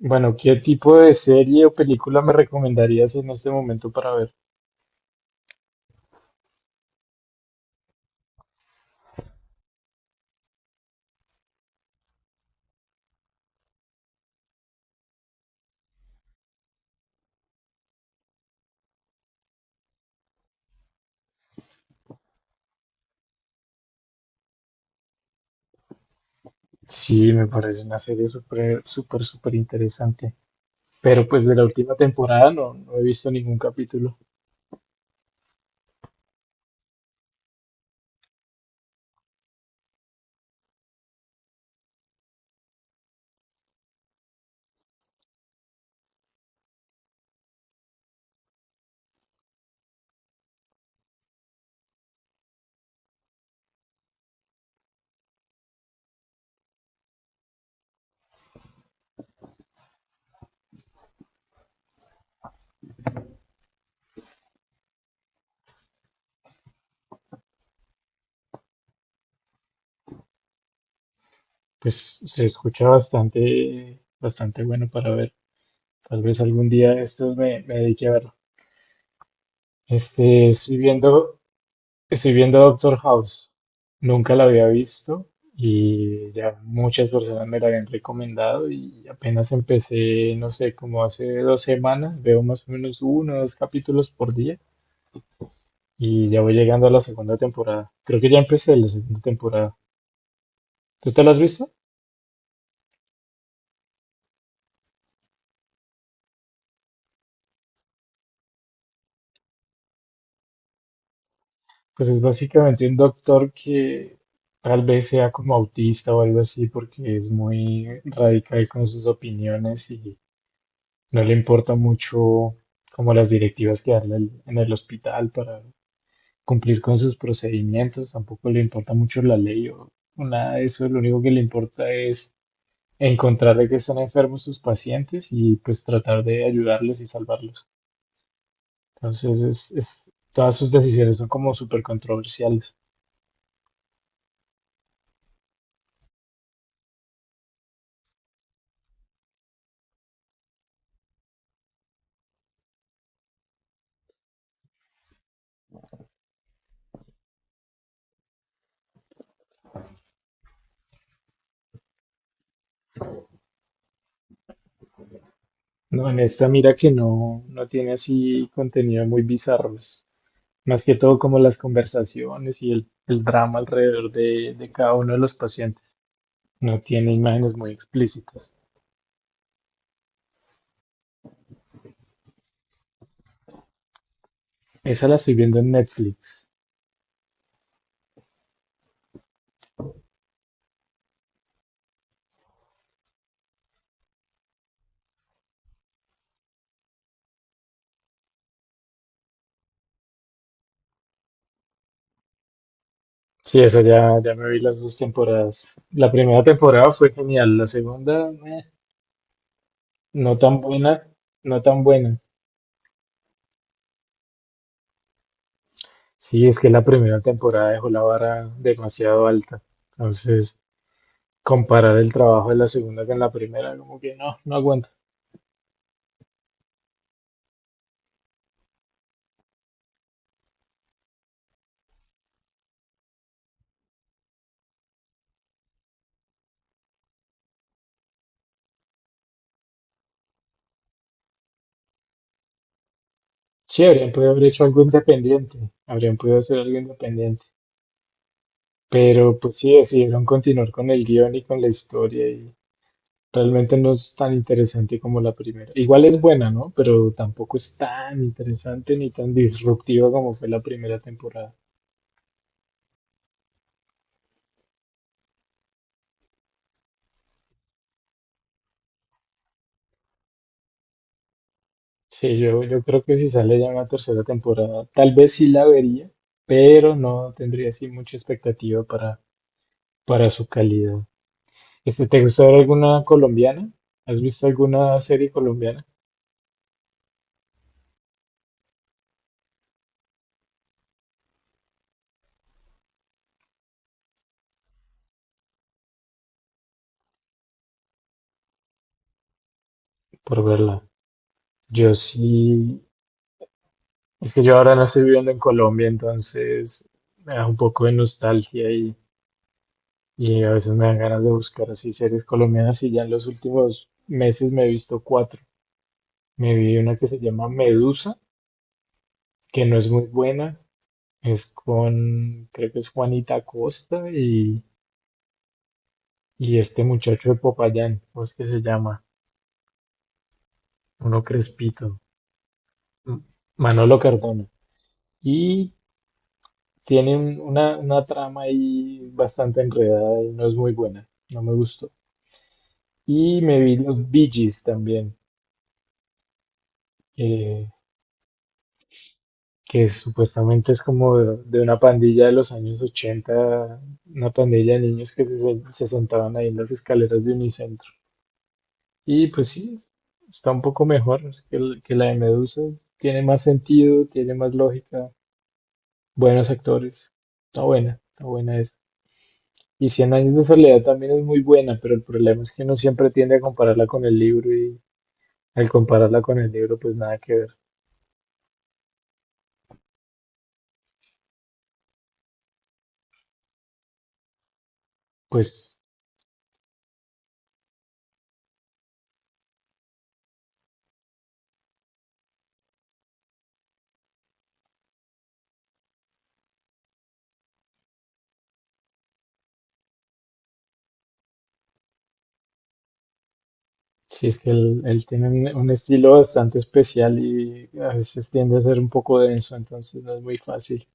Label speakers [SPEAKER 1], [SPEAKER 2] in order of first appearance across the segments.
[SPEAKER 1] Bueno, ¿qué tipo de serie o película me recomendarías en este momento para ver? Sí, me parece una serie súper, súper, súper interesante. Pero pues de la última temporada no he visto ningún capítulo. Pues se escucha bastante, bastante bueno para ver. Tal vez algún día de estos me dedique a verlo. Este, estoy viendo. Estoy viendo Doctor House. Nunca la había visto y ya muchas personas me la habían recomendado y apenas empecé, no sé, como hace dos semanas, veo más o menos uno o dos capítulos por día y ya voy llegando a la segunda temporada. Creo que ya empecé la segunda temporada. ¿Tú te la has visto? Pues es básicamente un doctor que tal vez sea como autista o algo así porque es muy radical con sus opiniones y no le importa mucho como las directivas que en el hospital para cumplir con sus procedimientos, tampoco le importa mucho la ley o nada de eso, lo único que le importa es encontrar de que están enfermos sus pacientes y pues tratar de ayudarles y salvarlos. Entonces, todas sus decisiones son como súper controversiales. No, en esta mira que no tiene así contenido muy bizarro, es más que todo como las conversaciones y el drama alrededor de cada uno de los pacientes. No tiene imágenes muy explícitas. Esa la estoy viendo en Netflix. Sí, esa ya me vi las dos temporadas. La primera temporada fue genial, la segunda, no tan buena, no tan buena. Sí, es que la primera temporada dejó la vara demasiado alta. Entonces, comparar el trabajo de la segunda con la primera, como que no aguanta. Sí, habrían podido haber hecho algo independiente, habrían podido hacer algo independiente. Pero pues sí, decidieron continuar con el guión y con la historia y realmente no es tan interesante como la primera. Igual es buena, ¿no? Pero tampoco es tan interesante ni tan disruptiva como fue la primera temporada. Sí, yo creo que si sale ya una tercera temporada, tal vez sí la vería, pero no tendría así mucha expectativa para su calidad. Este, ¿te gustó ver alguna colombiana? ¿Has visto alguna serie colombiana? Por verla. Yo sí, es que yo ahora no estoy viviendo en Colombia, entonces me da un poco de nostalgia y. Y a veces me dan ganas de buscar así series colombianas y ya en los últimos meses me he visto cuatro. Me vi una que se llama Medusa, que no es muy buena, es con, creo que es Juanita Costa y este muchacho de Popayán, ¿cómo es que se llama? Uno crespito, M- Manolo Cardona. Y tiene una trama ahí bastante enredada y no es muy buena, no me gustó. Y me vi los Bee Gees también, que supuestamente es como de una pandilla de los años 80, una pandilla de niños que se sentaban ahí en las escaleras de Unicentro. Y pues sí, está un poco mejor que la de Medusa, tiene más sentido, tiene más lógica, buenos actores, está buena esa. Y Cien años de soledad también es muy buena, pero el problema es que uno siempre tiende a compararla con el libro y al compararla con el libro pues nada que ver. Pues sí, es que él tiene un estilo bastante especial y a veces tiende a ser un poco denso, entonces no es muy fácil.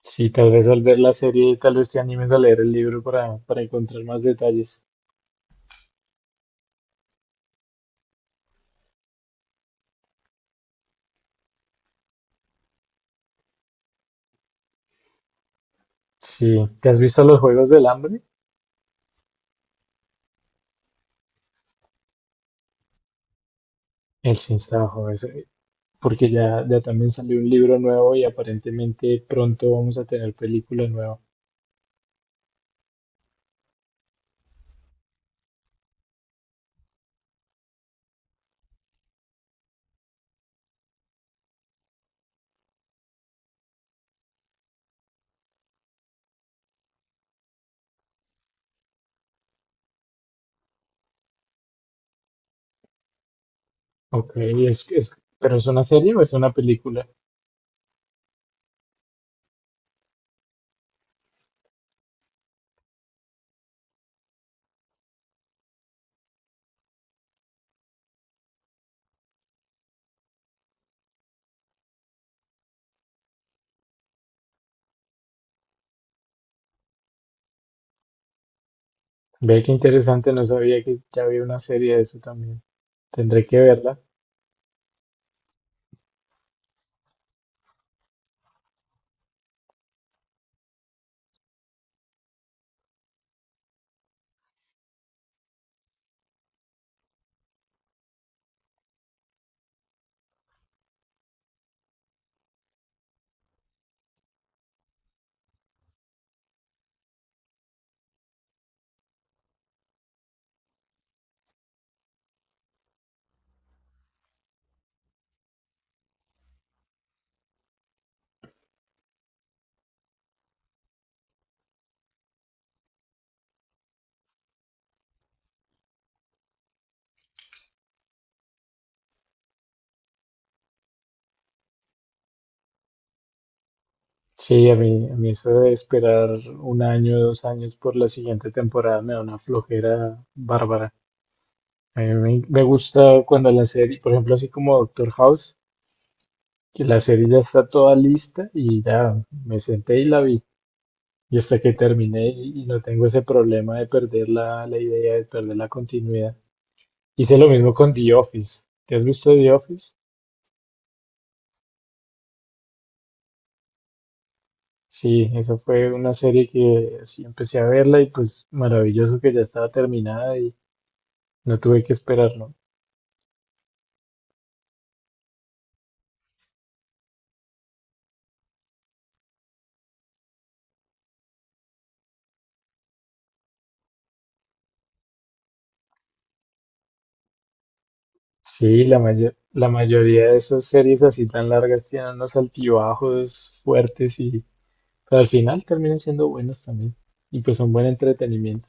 [SPEAKER 1] Sí, tal vez al ver la serie, tal vez te animes a leer el libro para encontrar más detalles. Sí, ¿te has visto los Juegos del Hambre? El Sinsajo, ese, porque ya también salió un libro nuevo y aparentemente pronto vamos a tener película nueva. Ok, es, ¿pero es una serie o es una película? Ve qué interesante, no sabía que ya había una serie de eso también. Tendré que verla. Sí, a mí eso de esperar un año, dos años por la siguiente temporada me da una flojera bárbara. A mí me gusta cuando la serie, por ejemplo, así como Doctor House, que la serie ya está toda lista y ya me senté y la vi. Y hasta que terminé y no tengo ese problema de perder la idea, de perder la continuidad. Hice lo mismo con The Office. ¿Te has visto The Office? Sí, esa fue una serie que sí empecé a verla y pues maravilloso que ya estaba terminada. No tuve que esperarlo. Sí, la mayoría de esas series así tan largas tienen unos altibajos fuertes y pero al final terminan siendo buenos también. Y pues son buen entretenimiento.